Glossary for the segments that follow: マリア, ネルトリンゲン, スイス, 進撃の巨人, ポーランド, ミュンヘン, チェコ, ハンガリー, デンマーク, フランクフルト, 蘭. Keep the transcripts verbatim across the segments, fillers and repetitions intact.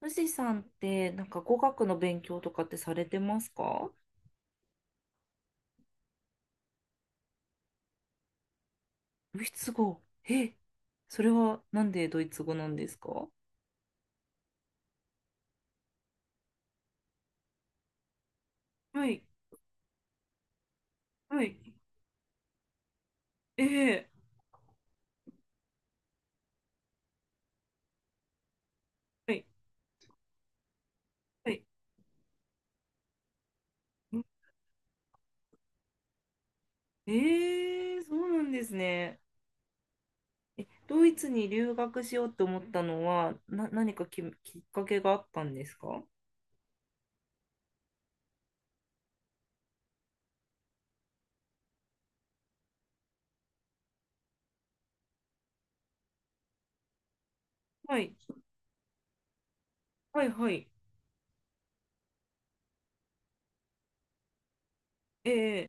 富士山ってなんか語学の勉強とかってされてますか？ドイツ語。え、それはなんでドイツ語なんですか？はい、はい、ええ。はい、はい。ん。ええ、そうなんですね。ドイツに留学しようと思ったのは、な、何かき、きっかけがあったんですか？はい、はい、はい、ええ。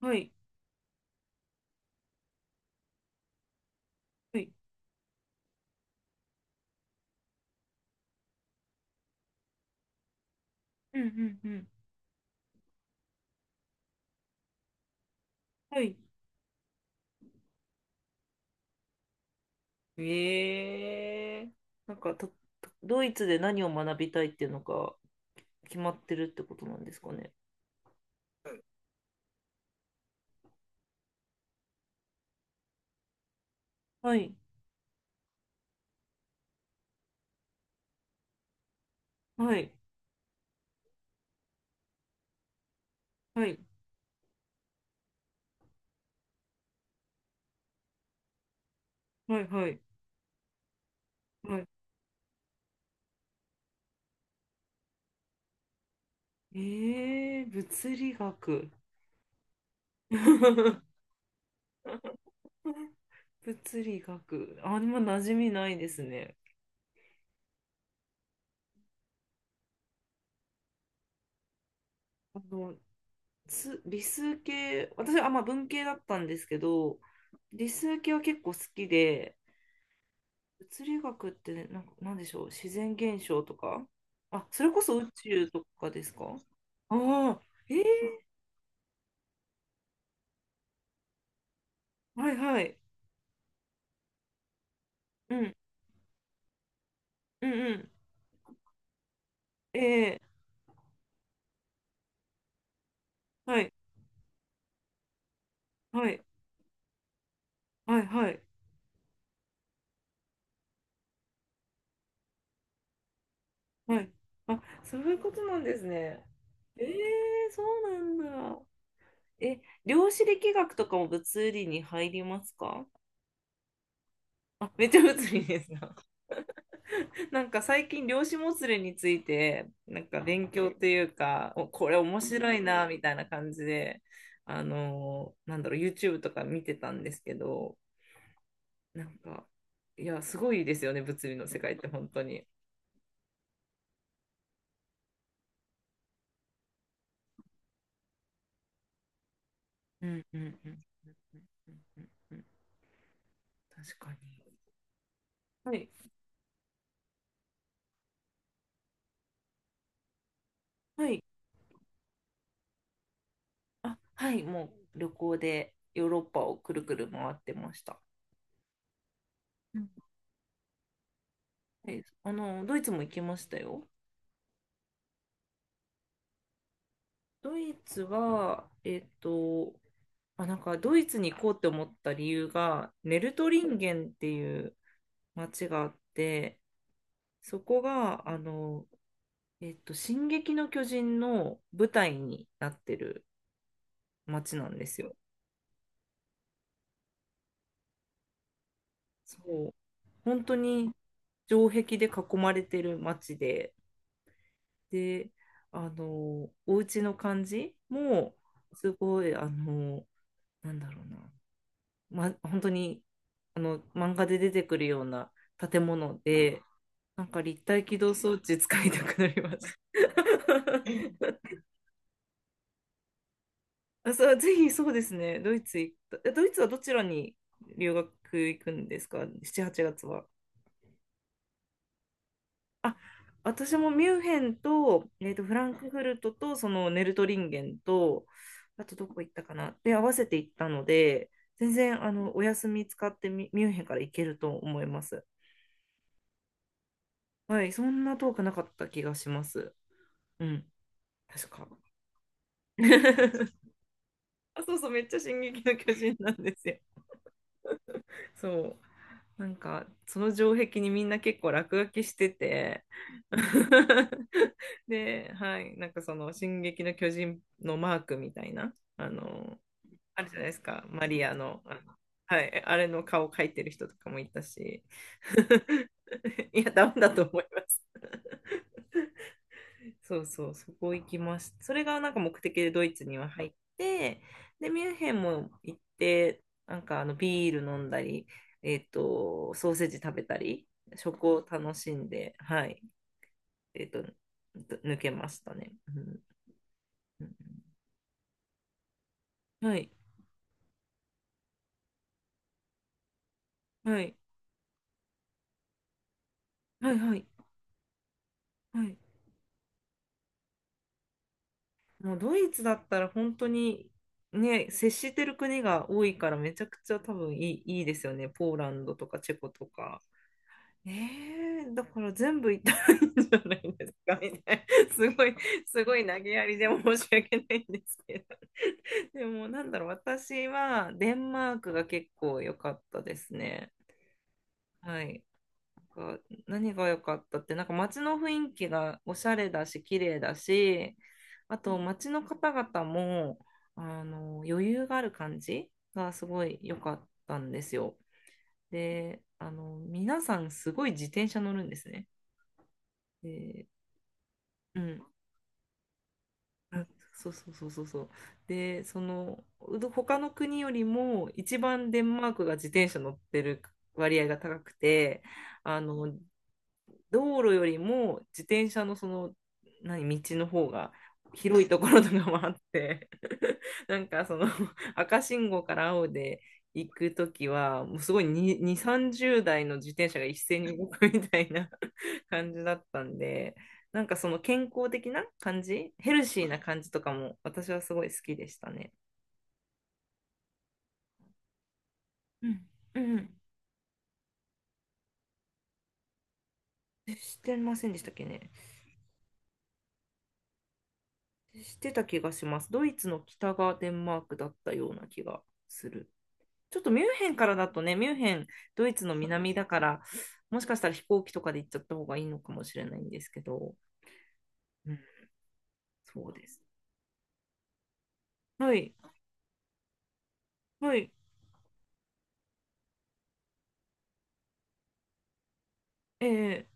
はい、はい、うんうんうん。はい。ええ、なんかと、とドイツで何を学びたいっていうのが決まってるってことなんですかね。はい、はい、はい、はい、はい、はい。ええ、物理学。物理学。あ、今馴染みないですね。あの、す理数系、私は、あ、まあ、文系だったんですけど、理数系は結構好きで、物理学ってなんか、なんでしょう、自然現象とか、あ、それこそ宇宙とかですか？ああ、えー、はい、はい。うん、うんうん。えーはい、はい、はい、はい、はい。あ、そういうことなんですね。えーそうなんだ。え、量子力学とかも物理に入りますか？あ、めっちゃ物理ですな。なんか最近量子もつれについてなんか勉強というか、お、これ面白いなみたいな感じで、あのーなんだろう、 YouTube とか見てたんですけど、なんか、いや、すごいですよね、物理の世界って本当に。うんうんうんうんうんうんうん。確かに。はい、はい、あ、はい、もう旅行でヨーロッパをくるくる回ってました。うん、はい、あの、ドイツも行きましたよ。ドイツは、えっとあ、なんかドイツに行こうって思った理由が、ネルトリンゲンっていう町があって、そこが、あの、えっと、進撃の巨人の舞台になってる町なんですよ。そう。本当に城壁で囲まれてる町で、で、あの、お家の感じも、すごい、あの、なんだろうな、ま、本当に、あの、漫画で出てくるような建物で、なんか立体起動装置使いたくなりました。あ、そう、ぜひそうですね。ドイツ行った。え、ドイツはどちらに留学行くんですか？ しち、はちがつは。あ、私もミュンヘンと、えっと、フランクフルトと、そのネルトリンゲンと、あとどこ行ったかなで、合わせて行ったので、全然、あの、お休み使ってミ、ミュンヘンから行けると思います。はい、そんな遠くなかった気がします。うん、確か。あ、そうそう、めっちゃ進撃の巨人なんですよ。そう、なんか、その城壁にみんな結構落書きしてて、 で、はい、なんか、その「進撃の巨人」のマークみたいな、あの、あるじゃないですか、マリアの、あの、はい、あれの顔描いてる人とかもいたし、 いや、ダメだと思います。そうそう、そこ行きました。それがなんか目的でドイツには入って、で、ミュンヘンも行って、なんかあのビール飲んだり、えっと、ソーセージ食べたり、食を楽しんで、はい、えっと、抜けましたね。うんうん、はい、はい、はい、はい、はい。もうドイツだったら本当にね、接してる国が多いからめちゃくちゃ多分いい、いいですよね。ポーランドとかチェコとか。ね、え、だから全部いったらいいんじゃないですか、 みたいな。すごい、すごい投げやりで申し訳ないんですけど。でも、なんだろう、私はデンマークが結構良かったですね。はい。なんか、何が良かったって、なんか街の雰囲気がおしゃれだし、綺麗だし、あと街の方々も、あの、余裕がある感じがすごい良かったんですよ。で、あの、皆さんすごい自転車乗るんですね。で、うん、あ、そうそうそうそうそう。で、その、うど他の国よりも一番デンマークが自転車乗ってる割合が高くて、あの、道路よりも自転車のその何道の方が広いところとかもあって、 なんかその赤信号から青で行くときはもうすごいに、に、さんじゅうだいの自転車が一斉に動くみたいな 感じだったんで、なんかその健康的な感じ、ヘルシーな感じとかも私はすごい好きでしたね。うんうん、してませんでしたっけね。してた気がします。ドイツの北がデンマークだったような気がする。ちょっとミュンヘンからだとね、ミュンヘン、ドイツの南だから、もしかしたら飛行機とかで行っちゃった方がいいのかもしれないんですけど、うん、そうです。はい、はい、え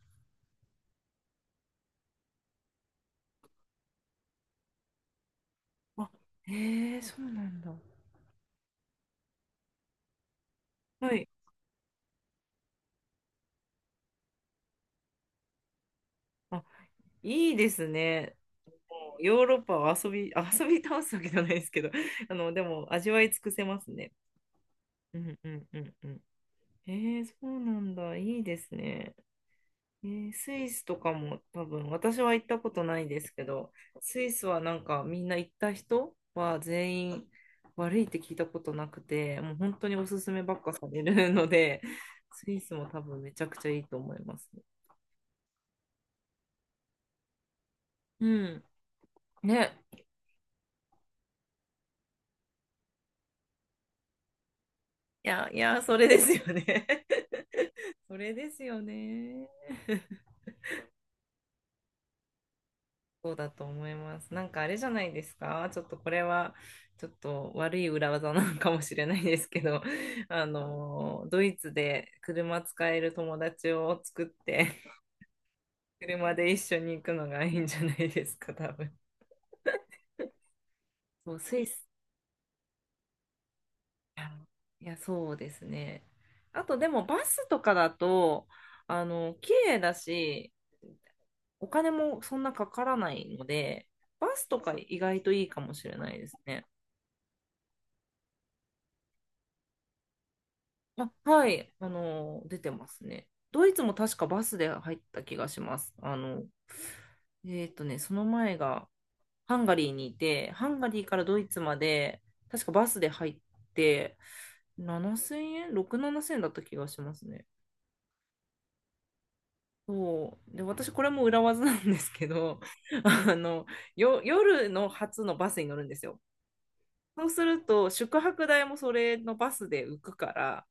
ー、あ、えー、そうなんだ。はい、あ、いいですね。もうヨーロッパは遊び、あ、遊び倒すわけじゃないですけど、あの、でも味わい尽くせますね。うんうんうんうん。えー、そうなんだ。いいですね。ね、スイスとかも多分、私は行ったことないですけど、スイスはなんかみんな行った人は全員悪いって聞いたことなくて、もう本当におすすめばっかされるので、スイスも多分めちゃくちゃいいと思います。うん。ね。いや、いや、それですよね。それですよね。そうだと思います。なんかあれじゃないですか。ちょっとこれは、ちょっと悪い裏技なのかもしれないですけど、あの、ドイツで車使える友達を作って、車で一緒に行くのがいいんじゃないですか、多分。そう、スイス。あ、いや、そうですね。あと、でもバスとかだと、あの、綺麗だし、お金もそんなかからないので、バスとか意外といいかもしれないですね。あ、はい、あの、出てますね。ドイツも確かバスで入った気がします。あの、えっとね、その前がハンガリーにいて、ハンガリーからドイツまで、確かバスで入って、ななせんえん？ ろく、ななせんえんだった気がしますね。そう。で、私、これも裏技なんですけど、あの、よ、夜の初のバスに乗るんですよ。そうすると、宿泊代もそれのバスで浮くから、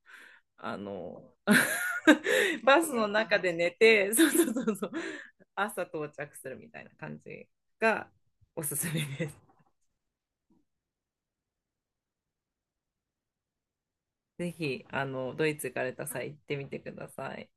あの、バスの中で寝て、そうそうそうそう、朝到着するみたいな感じがおすすめです。ぜひ、あの、ドイツ行かれた際行ってみてください。